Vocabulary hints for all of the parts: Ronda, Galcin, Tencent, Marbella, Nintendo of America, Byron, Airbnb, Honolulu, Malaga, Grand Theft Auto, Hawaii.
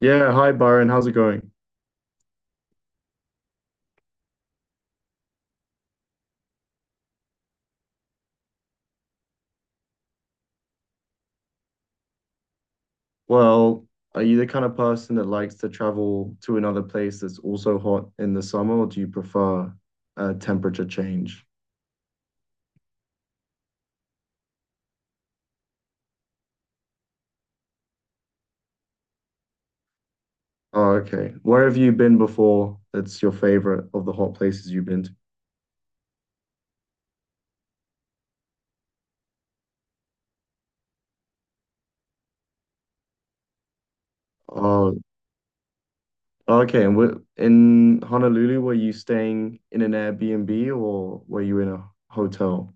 Yeah, hi Byron, how's it going? Well, are you the kind of person that likes to travel to another place that's also hot in the summer, or do you prefer a temperature change? Oh, okay. Where have you been before that's your favorite of the hot places you've been to? Oh, okay. And in Honolulu, were you staying in an Airbnb or were you in a hotel?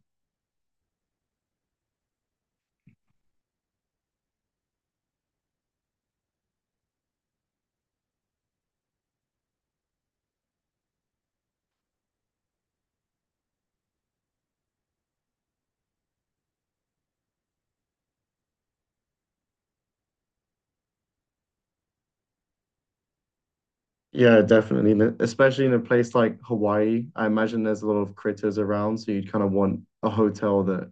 Yeah, definitely. Especially in a place like Hawaii, I imagine there's a lot of critters around, so you'd kind of want a hotel that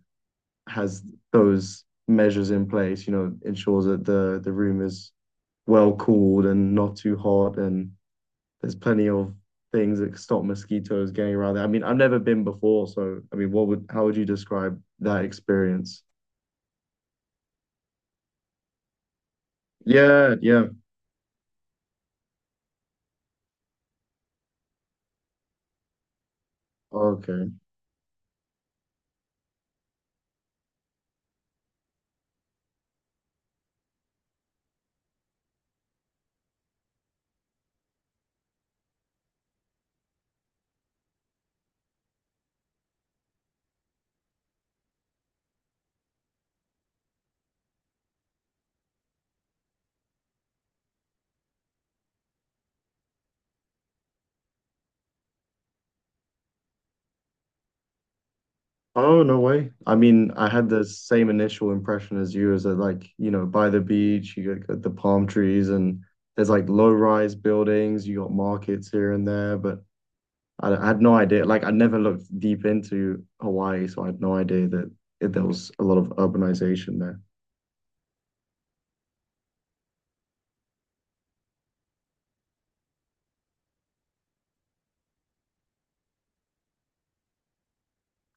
has those measures in place, you know, ensures that the room is well cooled and not too hot, and there's plenty of things that stop mosquitoes getting around there. I mean, I've never been before, so I mean, what would how would you describe that experience? Yeah, yeah. Okay. Oh, no way. I mean, I had the same initial impression as you, is that like, you know, by the beach, you got the palm trees and there's like low-rise buildings, you got markets here and there, but I had no idea. Like I never looked deep into Hawaii, so I had no idea that there was a lot of urbanization there.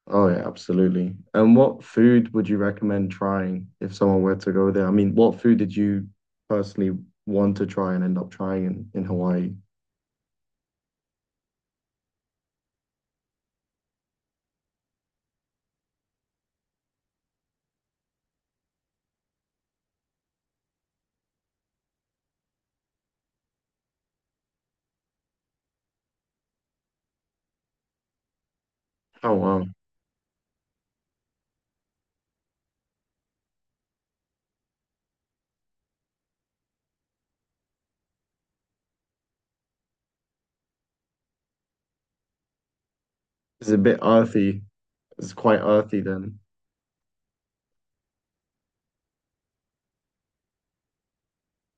Oh yeah, absolutely. And what food would you recommend trying if someone were to go there? I mean, what food did you personally want to try and end up trying in Hawaii? Oh wow. It's a bit earthy. It's quite earthy then.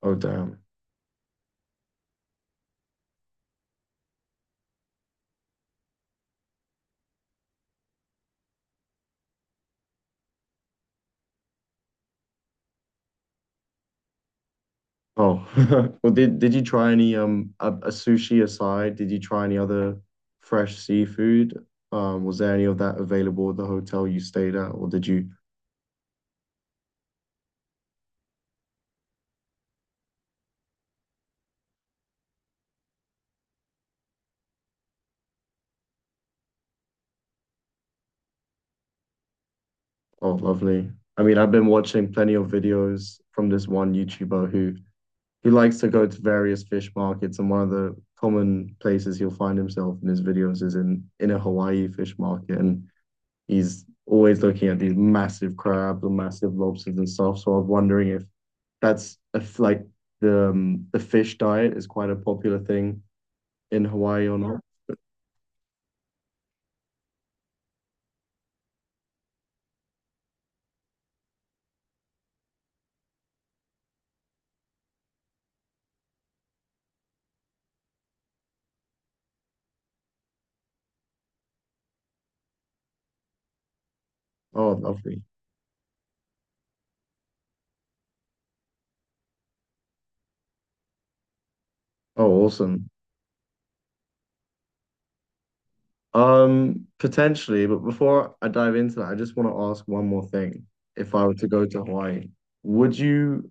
Oh damn. Oh, well, did you try any a sushi aside? Did you try any other fresh seafood? Was there any of that available at the hotel you stayed at, or did you? Oh, lovely. I mean, I've been watching plenty of videos from this one YouTuber who likes to go to various fish markets, and one of the common places he'll find himself in his videos is in a Hawaii fish market, and he's always looking at these massive crabs or massive lobsters and stuff. So I was wondering if that's if like the fish diet is quite a popular thing in Hawaii or not. Oh, lovely. Oh, awesome. Potentially, but before I dive into that, I just want to ask one more thing. If I were to go to Hawaii, would you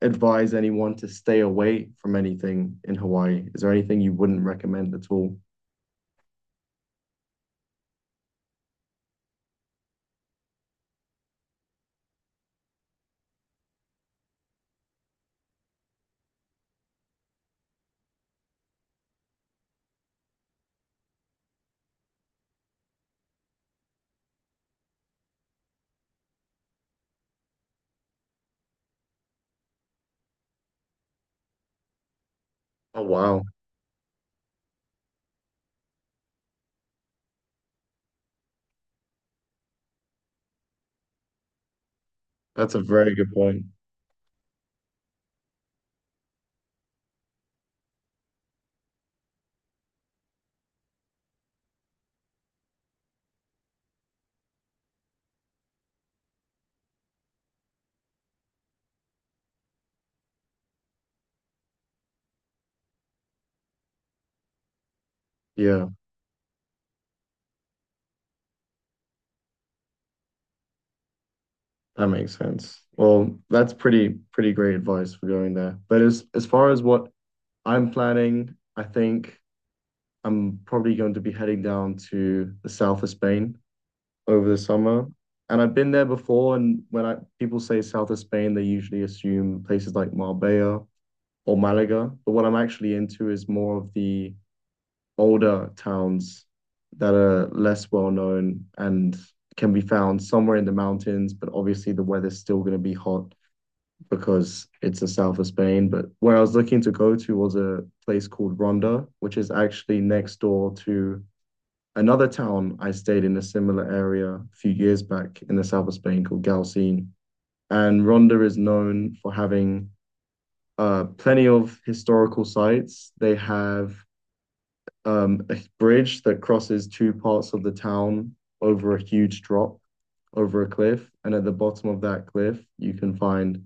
advise anyone to stay away from anything in Hawaii? Is there anything you wouldn't recommend at all? Oh, wow. That's a very good point. Yeah. That makes sense. Well, that's pretty great advice for going there. But as far as what I'm planning, I think I'm probably going to be heading down to the south of Spain over the summer. And I've been there before, and when I people say south of Spain, they usually assume places like Marbella or Malaga. But what I'm actually into is more of the older towns that are less well known and can be found somewhere in the mountains, but obviously the weather's still going to be hot because it's the south of Spain. But where I was looking to go to was a place called Ronda, which is actually next door to another town I stayed in a similar area a few years back in the south of Spain called Galcin. And Ronda is known for having plenty of historical sites. They have a bridge that crosses two parts of the town over a huge drop, over a cliff. And at the bottom of that cliff, you can find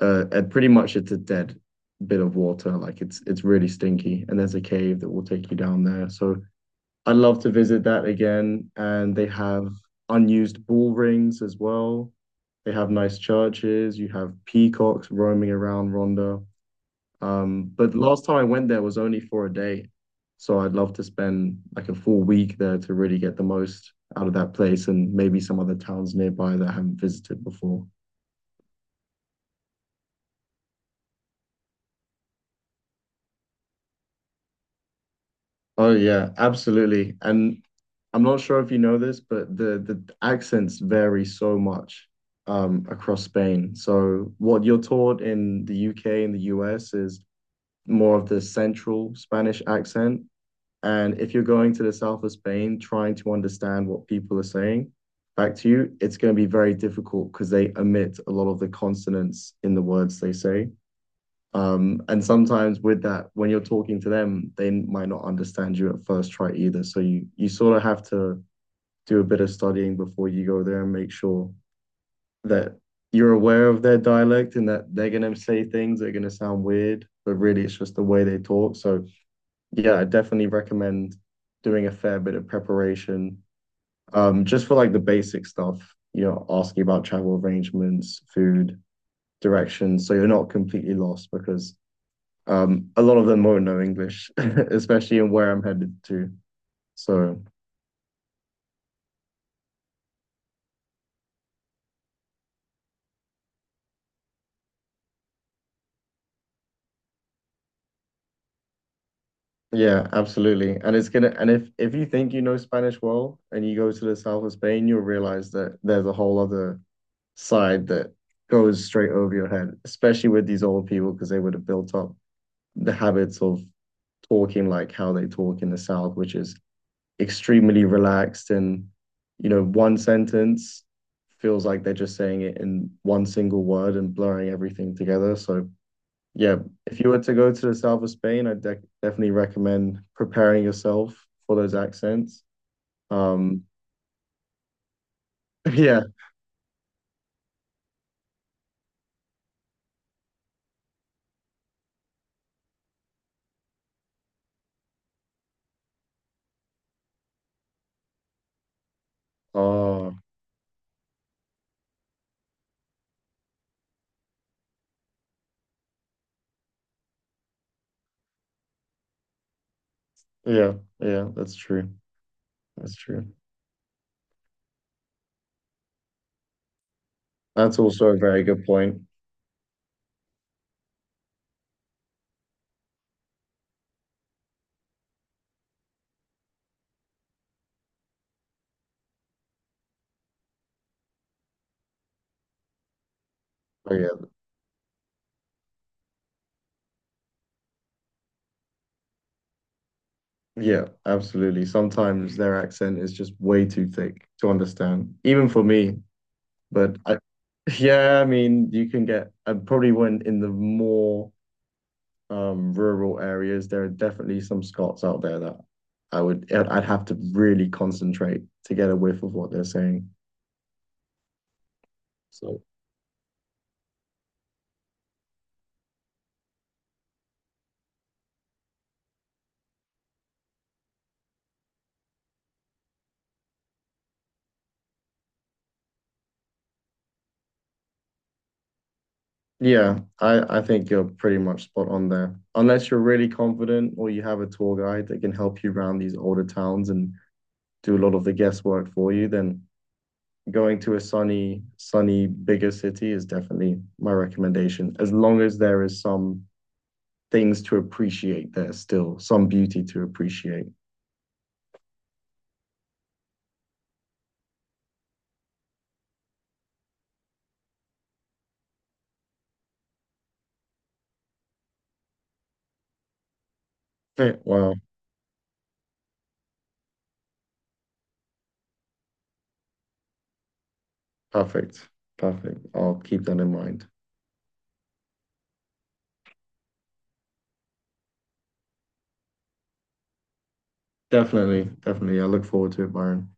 at pretty much it's a dead bit of water. Like it's really stinky, and there's a cave that will take you down there. So I'd love to visit that again. And they have unused ball rings as well. They have nice churches. You have peacocks roaming around Rhondda. But last time I went there was only for a day, so I'd love to spend like a full week there to really get the most out of that place and maybe some other towns nearby that I haven't visited before. Oh yeah, absolutely. And I'm not sure if you know this, but the accents vary so much across Spain. So what you're taught in the UK and the US is more of the central Spanish accent. And if you're going to the south of Spain trying to understand what people are saying back to you, it's going to be very difficult because they omit a lot of the consonants in the words they say. And sometimes with that, when you're talking to them, they might not understand you at first try either. So you sort of have to do a bit of studying before you go there and make sure that you're aware of their dialect and that they're going to say things that are going to sound weird, but really it's just the way they talk. So, yeah, I definitely recommend doing a fair bit of preparation just for like the basic stuff, you know, asking about travel arrangements, food, directions. So you're not completely lost because a lot of them won't know English, especially in where I'm headed to. So, yeah, absolutely. And it's gonna and if you think you know Spanish well and you go to the south of Spain, you'll realize that there's a whole other side that goes straight over your head, especially with these old people because they would have built up the habits of talking like how they talk in the south, which is extremely relaxed and you know, one sentence feels like they're just saying it in one single word and blurring everything together. So yeah, if you were to go to the south of Spain, I'd dec definitely recommend preparing yourself for those accents. Um, yeah. Oh, yeah, yeah, that's true. That's true. That's also a very good point. Oh, yeah, yeah, absolutely. Sometimes their accent is just way too thick to understand, even for me. But I, yeah, I mean, you can get, I probably went in the more rural areas, there are definitely some Scots out there that I'd have to really concentrate to get a whiff of what they're saying. So yeah, I think you're pretty much spot on there. Unless you're really confident or you have a tour guide that can help you around these older towns and do a lot of the guesswork for you, then going to a sunny bigger city is definitely my recommendation. As long as there is some things to appreciate there still, some beauty to appreciate. Okay, wow. Perfect. Perfect. I'll keep that in mind. Definitely. Definitely. I look forward to it, Byron.